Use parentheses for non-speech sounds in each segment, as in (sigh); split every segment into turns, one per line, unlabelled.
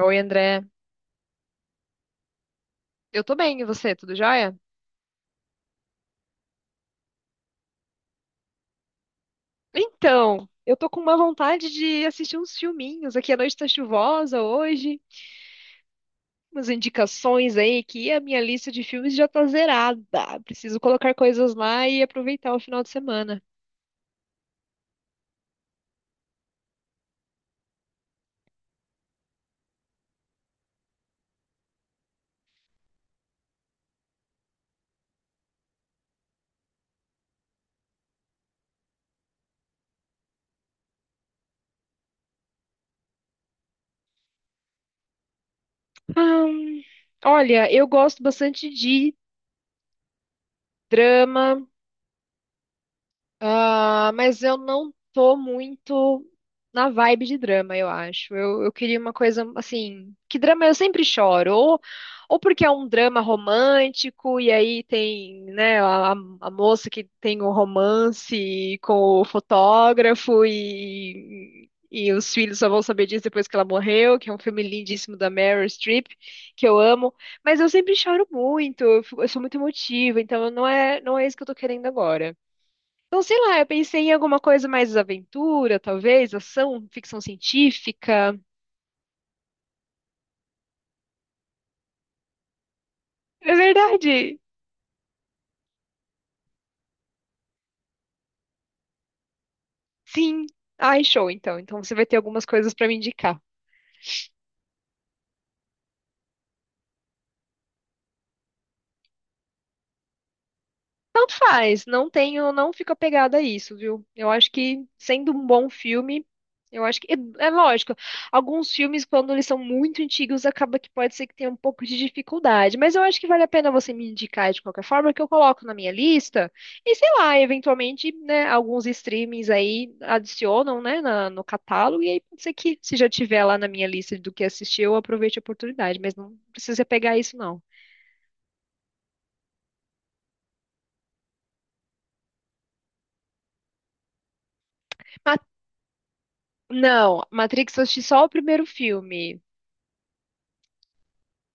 Oi, André. Eu tô bem, e você? Tudo jóia? Então, eu tô com uma vontade de assistir uns filminhos. Aqui a noite tá chuvosa hoje. Umas indicações aí que a minha lista de filmes já tá zerada. Preciso colocar coisas lá e aproveitar o final de semana. Ahn, Olha, eu gosto bastante de drama. Ah, mas eu não tô muito na vibe de drama, eu acho. Eu queria uma coisa assim, que drama eu sempre choro, ou porque é um drama romântico, e aí tem, né, a moça que tem um romance com o fotógrafo e os filhos só vão saber disso depois que ela morreu, que é um filme lindíssimo da Meryl Streep, que eu amo, mas eu sempre choro muito, eu, eu sou muito emotiva, então não é isso que eu tô querendo agora. Então, sei lá, eu pensei em alguma coisa mais aventura, talvez, ação, ficção científica. É verdade. Sim. Ai, show, então. Então você vai ter algumas coisas pra me indicar. Tanto faz, não fico apegada a isso, viu? Eu acho que sendo um bom filme, eu acho é lógico. Alguns filmes, quando eles são muito antigos, acaba que pode ser que tenha um pouco de dificuldade, mas eu acho que vale a pena você me indicar de qualquer forma, que eu coloco na minha lista e sei lá, eventualmente, né, alguns streamings aí adicionam, né, no catálogo e aí pode ser que se já tiver lá na minha lista do que assistir, eu aproveite a oportunidade, mas não precisa pegar isso não. Mas não, Matrix eu assisti só o primeiro filme.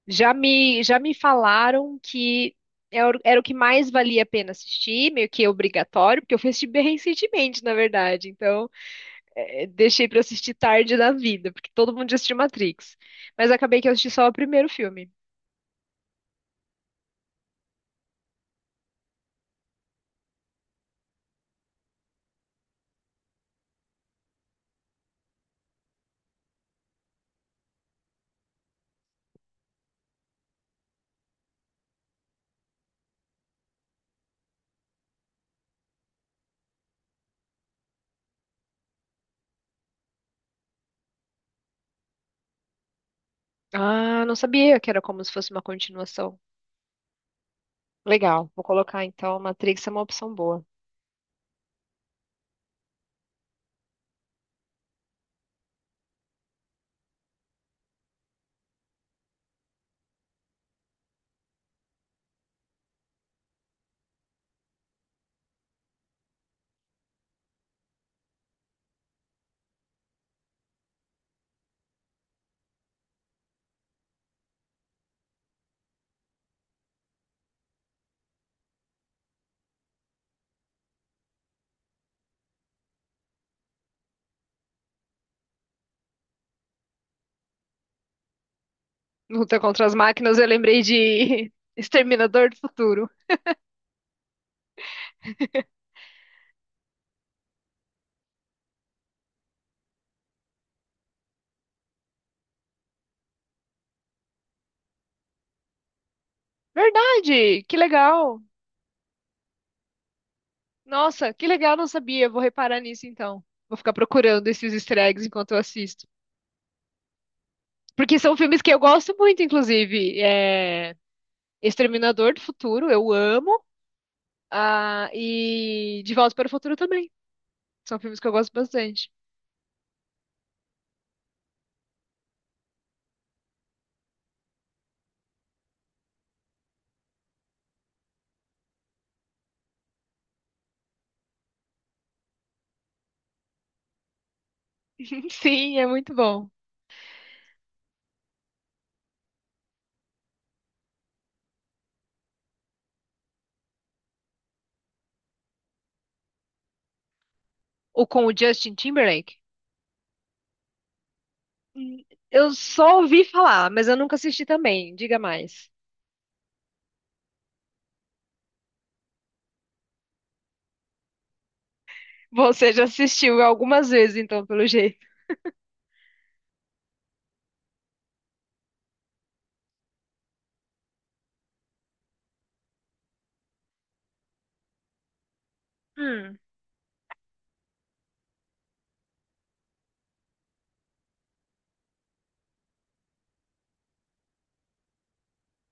Já me falaram que era o que mais valia a pena assistir, meio que obrigatório, porque eu fui assistir bem recentemente, na verdade. Então, deixei pra assistir tarde da vida, porque todo mundo já assistiu Matrix. Mas acabei que eu assisti só o primeiro filme. Ah, não sabia que era como se fosse uma continuação. Legal, vou colocar então. Matrix é uma opção boa. Luta contra as máquinas, eu lembrei de (laughs) Exterminador do Futuro. Verdade, que legal. Nossa, que legal, não sabia. Vou reparar nisso então. Vou ficar procurando esses easter eggs enquanto eu assisto. Porque são filmes que eu gosto muito, inclusive. É... Exterminador do Futuro, eu amo. Ah, e De Volta para o Futuro também. São filmes que eu gosto bastante. (laughs) Sim, é muito bom. O com o Justin Timberlake? Hum, Eu só ouvi falar, mas eu nunca assisti também. Diga mais. Você já assistiu algumas vezes, então, pelo jeito. Hum,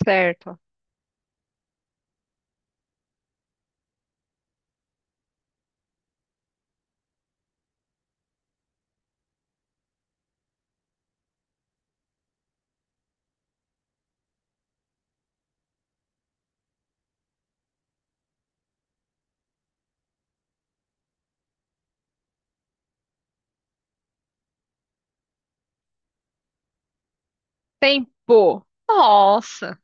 certo. Tempo. Nossa.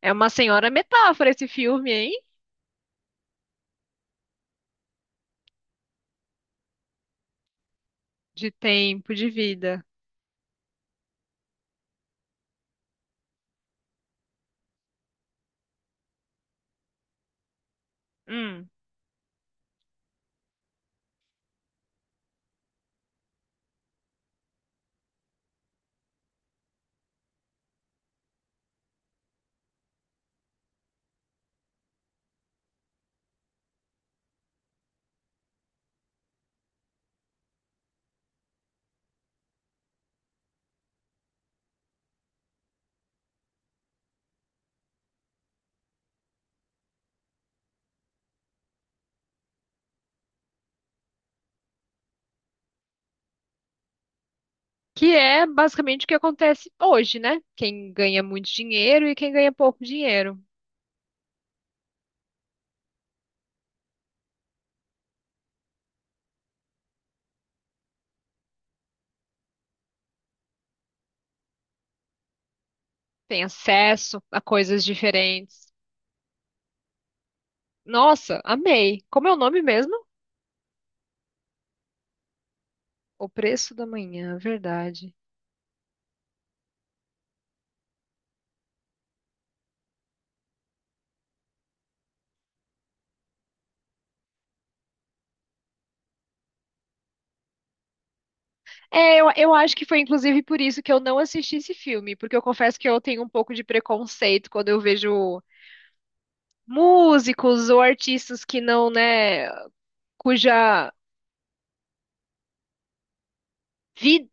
É uma senhora metáfora esse filme, hein? De tempo, de vida. Hum. Que é basicamente o que acontece hoje, né? Quem ganha muito dinheiro e quem ganha pouco dinheiro. Tem acesso a coisas diferentes. Nossa, amei. Como é o nome mesmo? O Preço da Manhã, verdade. Eu acho que foi inclusive por isso que eu não assisti esse filme, porque eu confesso que eu tenho um pouco de preconceito quando eu vejo músicos ou artistas que não, né, cuja vi-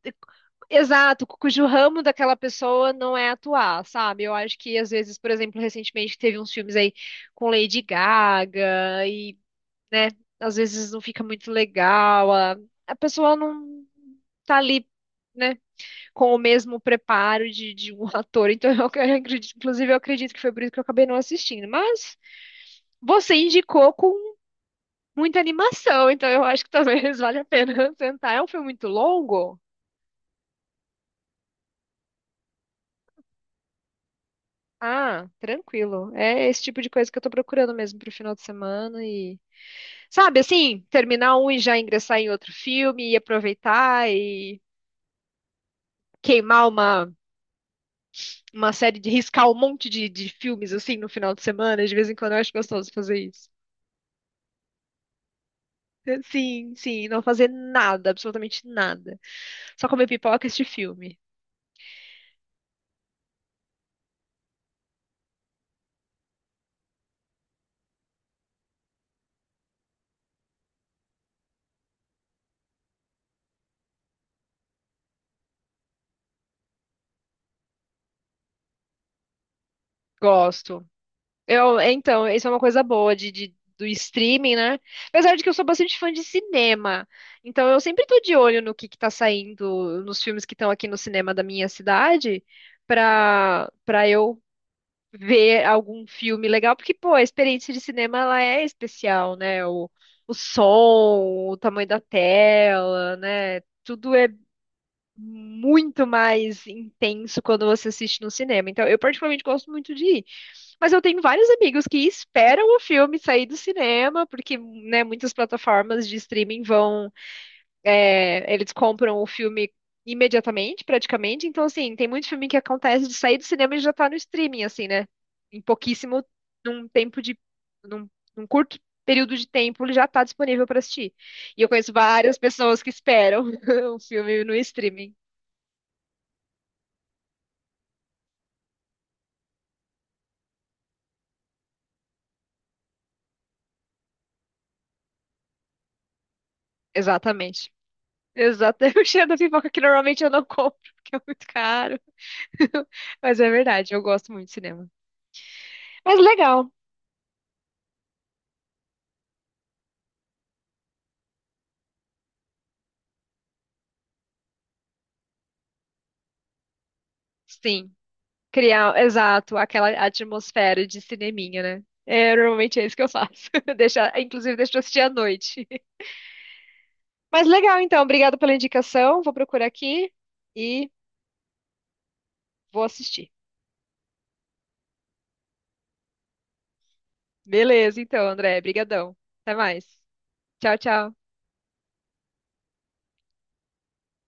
Exato, cujo ramo daquela pessoa não é atuar, sabe? Eu acho que às vezes, por exemplo, recentemente teve uns filmes aí com Lady né, às vezes não fica muito legal, a pessoa não tá ali, né, com o mesmo preparo de um (laughs) ator. Então, acredito, inclusive, eu acredito que foi por isso que eu acabei não assistindo. Mas você indicou com muita animação, então eu acho que talvez (laughs) valha a pena (laughs) tentar. É um filme muito longo? Ah, tranquilo. É esse tipo de coisa que eu tô procurando mesmo pro final de semana sabe, assim, terminar um e já ingressar em outro filme e aproveitar e queimar uma série de riscar um monte de filmes assim no final de semana. De vez em quando eu acho gostoso fazer isso. Sim, sim, não fazer nada, absolutamente nada. Só comer pipoca e assistir filme. Gosto. Eu, então, isso é uma coisa boa do streaming, né? Apesar de que eu sou bastante fã de cinema, então eu sempre tô de olho no que tá saindo, nos filmes que estão aqui no cinema da minha cidade, pra eu ver algum filme legal, porque, pô, a experiência de cinema, ela é especial, né? O som, o tamanho da tela, né? Tudo é muito mais intenso quando você assiste no cinema. Então, eu particularmente gosto muito de ir. Mas eu tenho vários amigos que esperam o filme sair do cinema, porque, né, muitas plataformas de streaming eles compram o filme imediatamente, praticamente. Então, assim, tem muito filme que acontece de sair do cinema e já tá no streaming, assim, né? Em pouquíssimo, num tempo de, num, num curto período de tempo, ele já tá disponível para assistir. E eu conheço várias pessoas que esperam (laughs) o filme no streaming. Exatamente. Exato. Eu (laughs) cheiro da pipoca que normalmente eu não compro, porque é muito caro. (laughs) Mas é verdade, eu gosto muito de cinema. Mas legal, sim. Criar, exato, aquela atmosfera de cineminha, né? É, normalmente é isso que eu faço. (laughs) Deixa, inclusive, deixa eu assistir à noite. (laughs) Mas legal, então. Obrigada pela indicação. Vou procurar aqui e vou assistir. Beleza, então, André. Brigadão. Até mais. Tchau, tchau.